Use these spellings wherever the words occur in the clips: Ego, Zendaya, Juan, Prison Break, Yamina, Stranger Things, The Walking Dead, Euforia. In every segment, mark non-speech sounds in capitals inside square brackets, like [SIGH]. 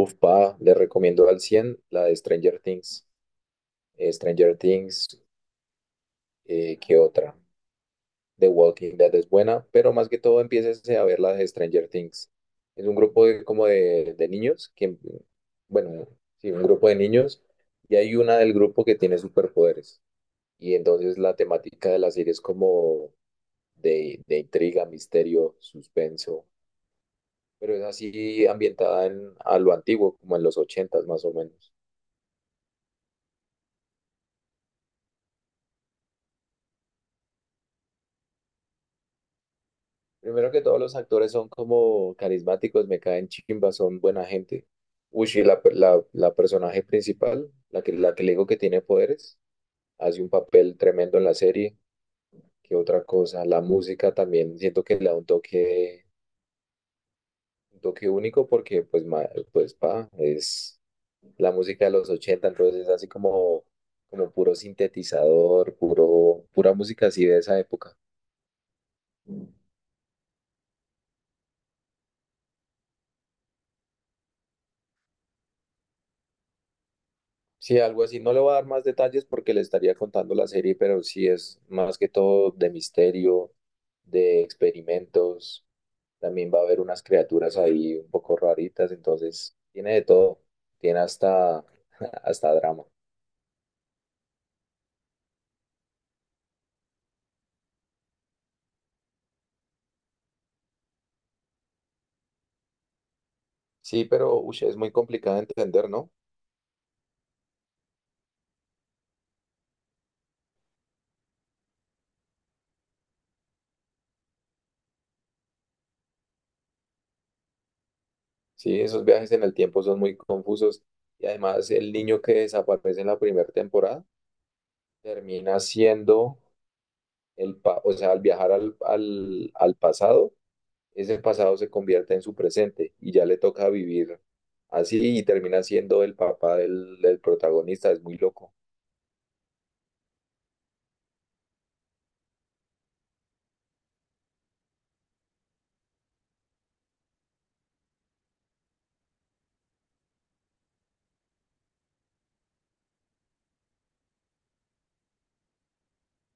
Uf, pa, le recomiendo al 100 la de Stranger Things. Stranger Things, ¿qué otra? The Walking Dead es buena, pero más que todo empieces a ver las de Stranger Things. Es un grupo como de niños, que, bueno, sí, un grupo de niños, y hay una del grupo que tiene superpoderes. Y entonces la temática de la serie es como de intriga, misterio, suspenso, pero es así ambientada a lo antiguo, como en los 80 más o menos. Primero que todos los actores son como carismáticos, me caen chimba, son buena gente. Uy, y la personaje principal, la que le digo que tiene poderes, hace un papel tremendo en la serie. ¿Qué otra cosa? La música también siento que le da un toque único porque pues, pa, es la música de los 80 entonces es así como puro sintetizador, pura música así de esa época. Sí, algo así. No le voy a dar más detalles porque le estaría contando la serie, pero sí es más que todo de misterio, de experimentos. También va a haber unas criaturas ahí un poco raritas, entonces tiene de todo. Tiene hasta, [LAUGHS] hasta drama. Sí, pero ush, es muy complicado de entender, ¿no? Sí, esos viajes en el tiempo son muy confusos. Y además el niño que desaparece en la primera temporada termina siendo o sea, al viajar al pasado ese pasado se convierte en su presente y ya le toca vivir así y termina siendo el papá del protagonista. Es muy loco.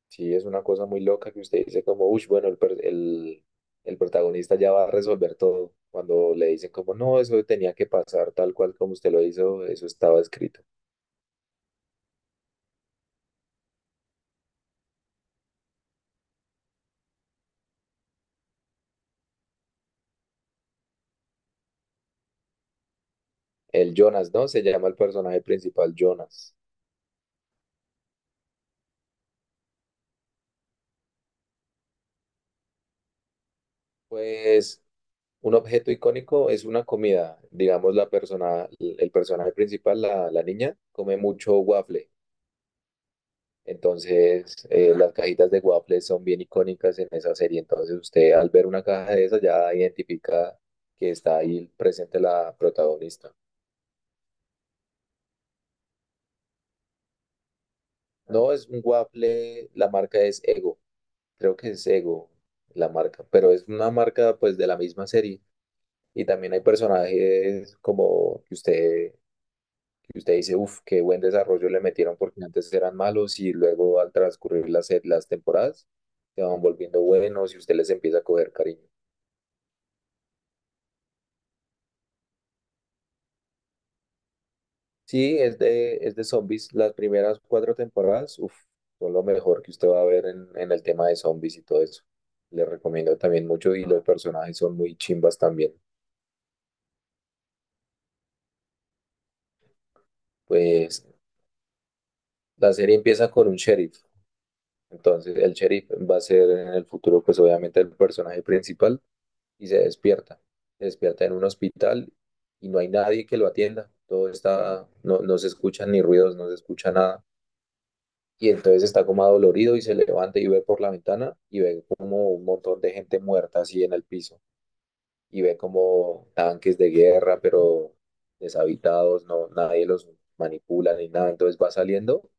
Sí, es una cosa muy loca que usted dice como, uy, bueno, el protagonista ya va a resolver todo. Cuando le dicen como, no, eso tenía que pasar tal cual como usted lo hizo, eso estaba escrito. El Jonas, ¿no? Se llama el personaje principal Jonas. Pues un objeto icónico es una comida. Digamos, el personaje principal, la niña, come mucho waffle. Entonces, las cajitas de waffles son bien icónicas en esa serie. Entonces, usted al ver una caja de esas ya identifica que está ahí presente la protagonista. No es un waffle, la marca es Ego. Creo que es Ego la marca, pero es una marca pues de la misma serie. Y también hay personajes como que usted dice, uff, qué buen desarrollo le metieron porque antes eran malos y luego al transcurrir las temporadas se van volviendo buenos y usted les empieza a coger cariño. Sí, es de zombies. Las primeras cuatro temporadas, uf, son lo mejor que usted va a ver en el tema de zombies y todo eso. Le recomiendo también mucho y los personajes son muy chimbas también. Pues la serie empieza con un sheriff. Entonces el sheriff va a ser en el futuro, pues obviamente el personaje principal y se despierta. Se despierta en un hospital y no hay nadie que lo atienda. No, no se escuchan ni ruidos, no se escucha nada. Y entonces está como adolorido y se levanta y ve por la ventana y ve como un montón de gente muerta así en el piso y ve como tanques de guerra pero deshabitados, no, nadie los manipula ni nada, entonces va saliendo,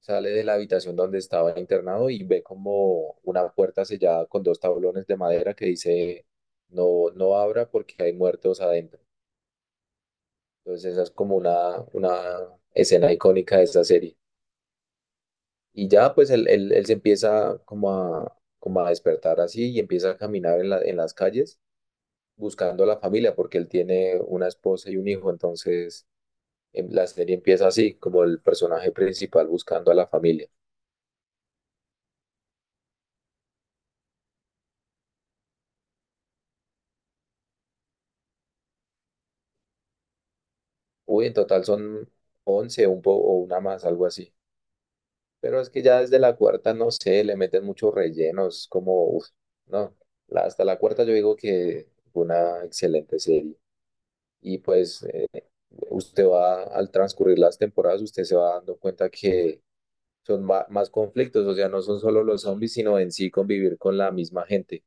sale de la habitación donde estaba internado y ve como una puerta sellada con dos tablones de madera que dice no, no abra porque hay muertos adentro. Entonces esa es como una escena icónica de esa serie. Y ya pues él se empieza como a despertar así y empieza a caminar en las calles buscando a la familia porque él tiene una esposa y un hijo, entonces em, la serie empieza así, como el personaje principal buscando a la familia. Uy, en total son 11 o una más, algo así. Pero es que ya desde la cuarta, no sé, le meten muchos rellenos, como, uf, no, hasta la cuarta yo digo que fue una excelente serie. Y pues usted va, al transcurrir las temporadas, usted se va dando cuenta que son más conflictos, o sea, no son solo los zombies, sino en sí convivir con la misma gente.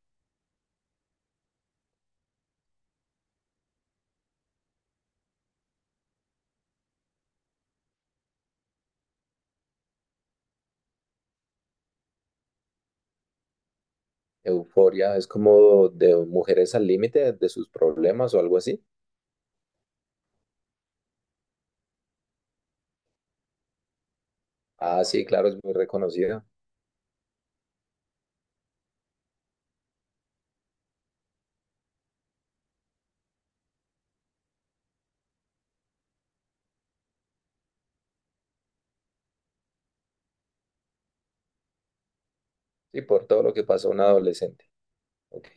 Euforia es como de mujeres al límite de sus problemas o algo así. Ah, sí, claro, es muy reconocida. Sí, por todo lo que pasa a un adolescente. Ok.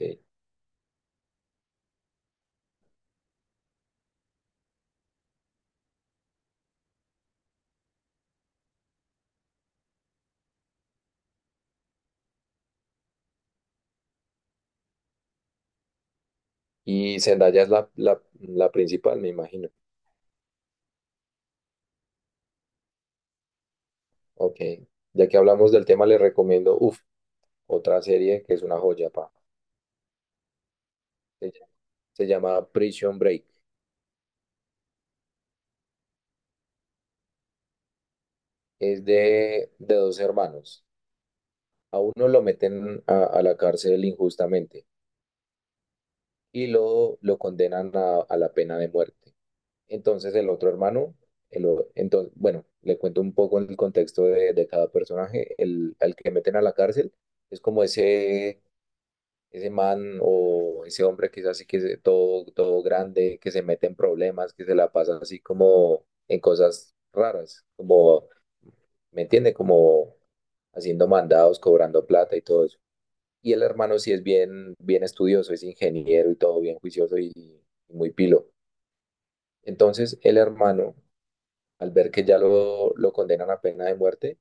Y Zendaya es la principal, me imagino. Ok. Ya que hablamos del tema, le recomiendo, uff, otra serie que es una joya, pa. Se llama se llama Prison Break. Es de dos hermanos. A uno lo meten a la cárcel injustamente y lo condenan a la pena de muerte. Entonces el otro hermano, entonces, bueno, le cuento un poco el contexto de cada personaje. El, al que meten a la cárcel es como ese ese man o ese hombre que es así que es todo, todo grande, que se mete en problemas, que se la pasa así como en cosas raras, como, ¿me entiende? Como haciendo mandados, cobrando plata y todo eso. Y el hermano sí es bien, bien estudioso, es ingeniero y todo bien juicioso y muy pilo. Entonces el hermano, al ver que ya lo condenan a pena de muerte,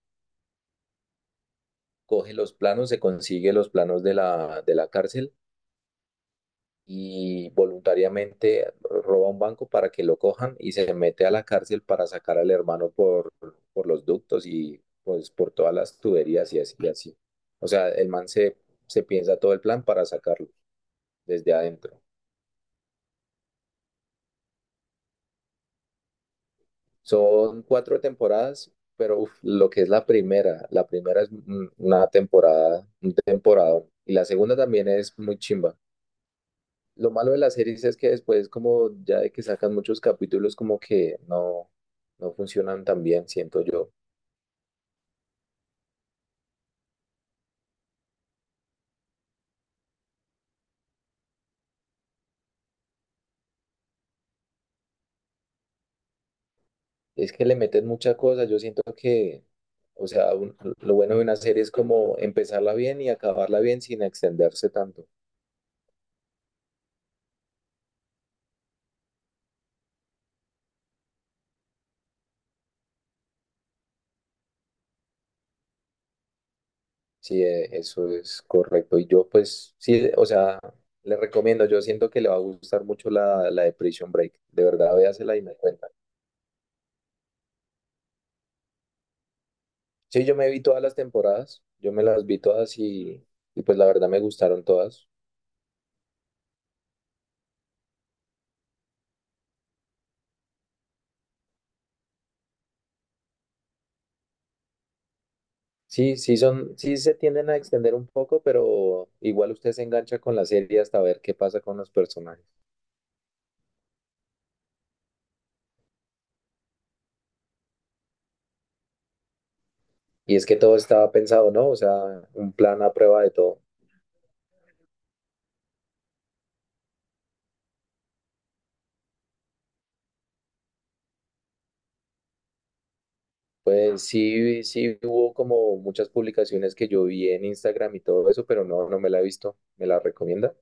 coge los planos, se consigue los planos de de la cárcel y voluntariamente roba un banco para que lo cojan y se mete a la cárcel para sacar al hermano por los ductos y pues por todas las tuberías y así y así. O sea, el man se piensa todo el plan para sacarlo desde adentro. Son cuatro temporadas, pero uf, lo que es la primera es una temporada, un temporada. Y la segunda también es muy chimba. Lo malo de las series es que después, como ya de que sacan muchos capítulos, como que no, no funcionan tan bien, siento yo. Es que le meten mucha cosa, yo siento que, o sea, lo bueno de una serie es como empezarla bien y acabarla bien sin extenderse tanto. Sí, eso es correcto. Y yo, pues, sí, o sea, le recomiendo, yo siento que le va a gustar mucho la de Prison Break. De verdad, véasela y me cuenta. Sí, yo me vi todas las temporadas, yo me las vi todas y pues la verdad me gustaron todas. Sí, sí son, sí se tienden a extender un poco, pero igual usted se engancha con la serie hasta ver qué pasa con los personajes. Y es que todo estaba pensado, ¿no? O sea, un plan a prueba de todo. Pues sí, sí hubo como muchas publicaciones que yo vi en Instagram y todo eso, pero no, no me la he visto. ¿Me la recomienda?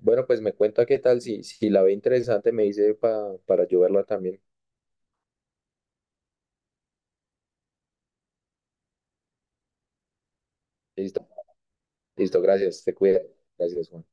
Bueno, pues me cuenta qué tal, si la ve interesante me dice para yo verla también. Listo, listo, gracias, te cuida. Gracias, Juan.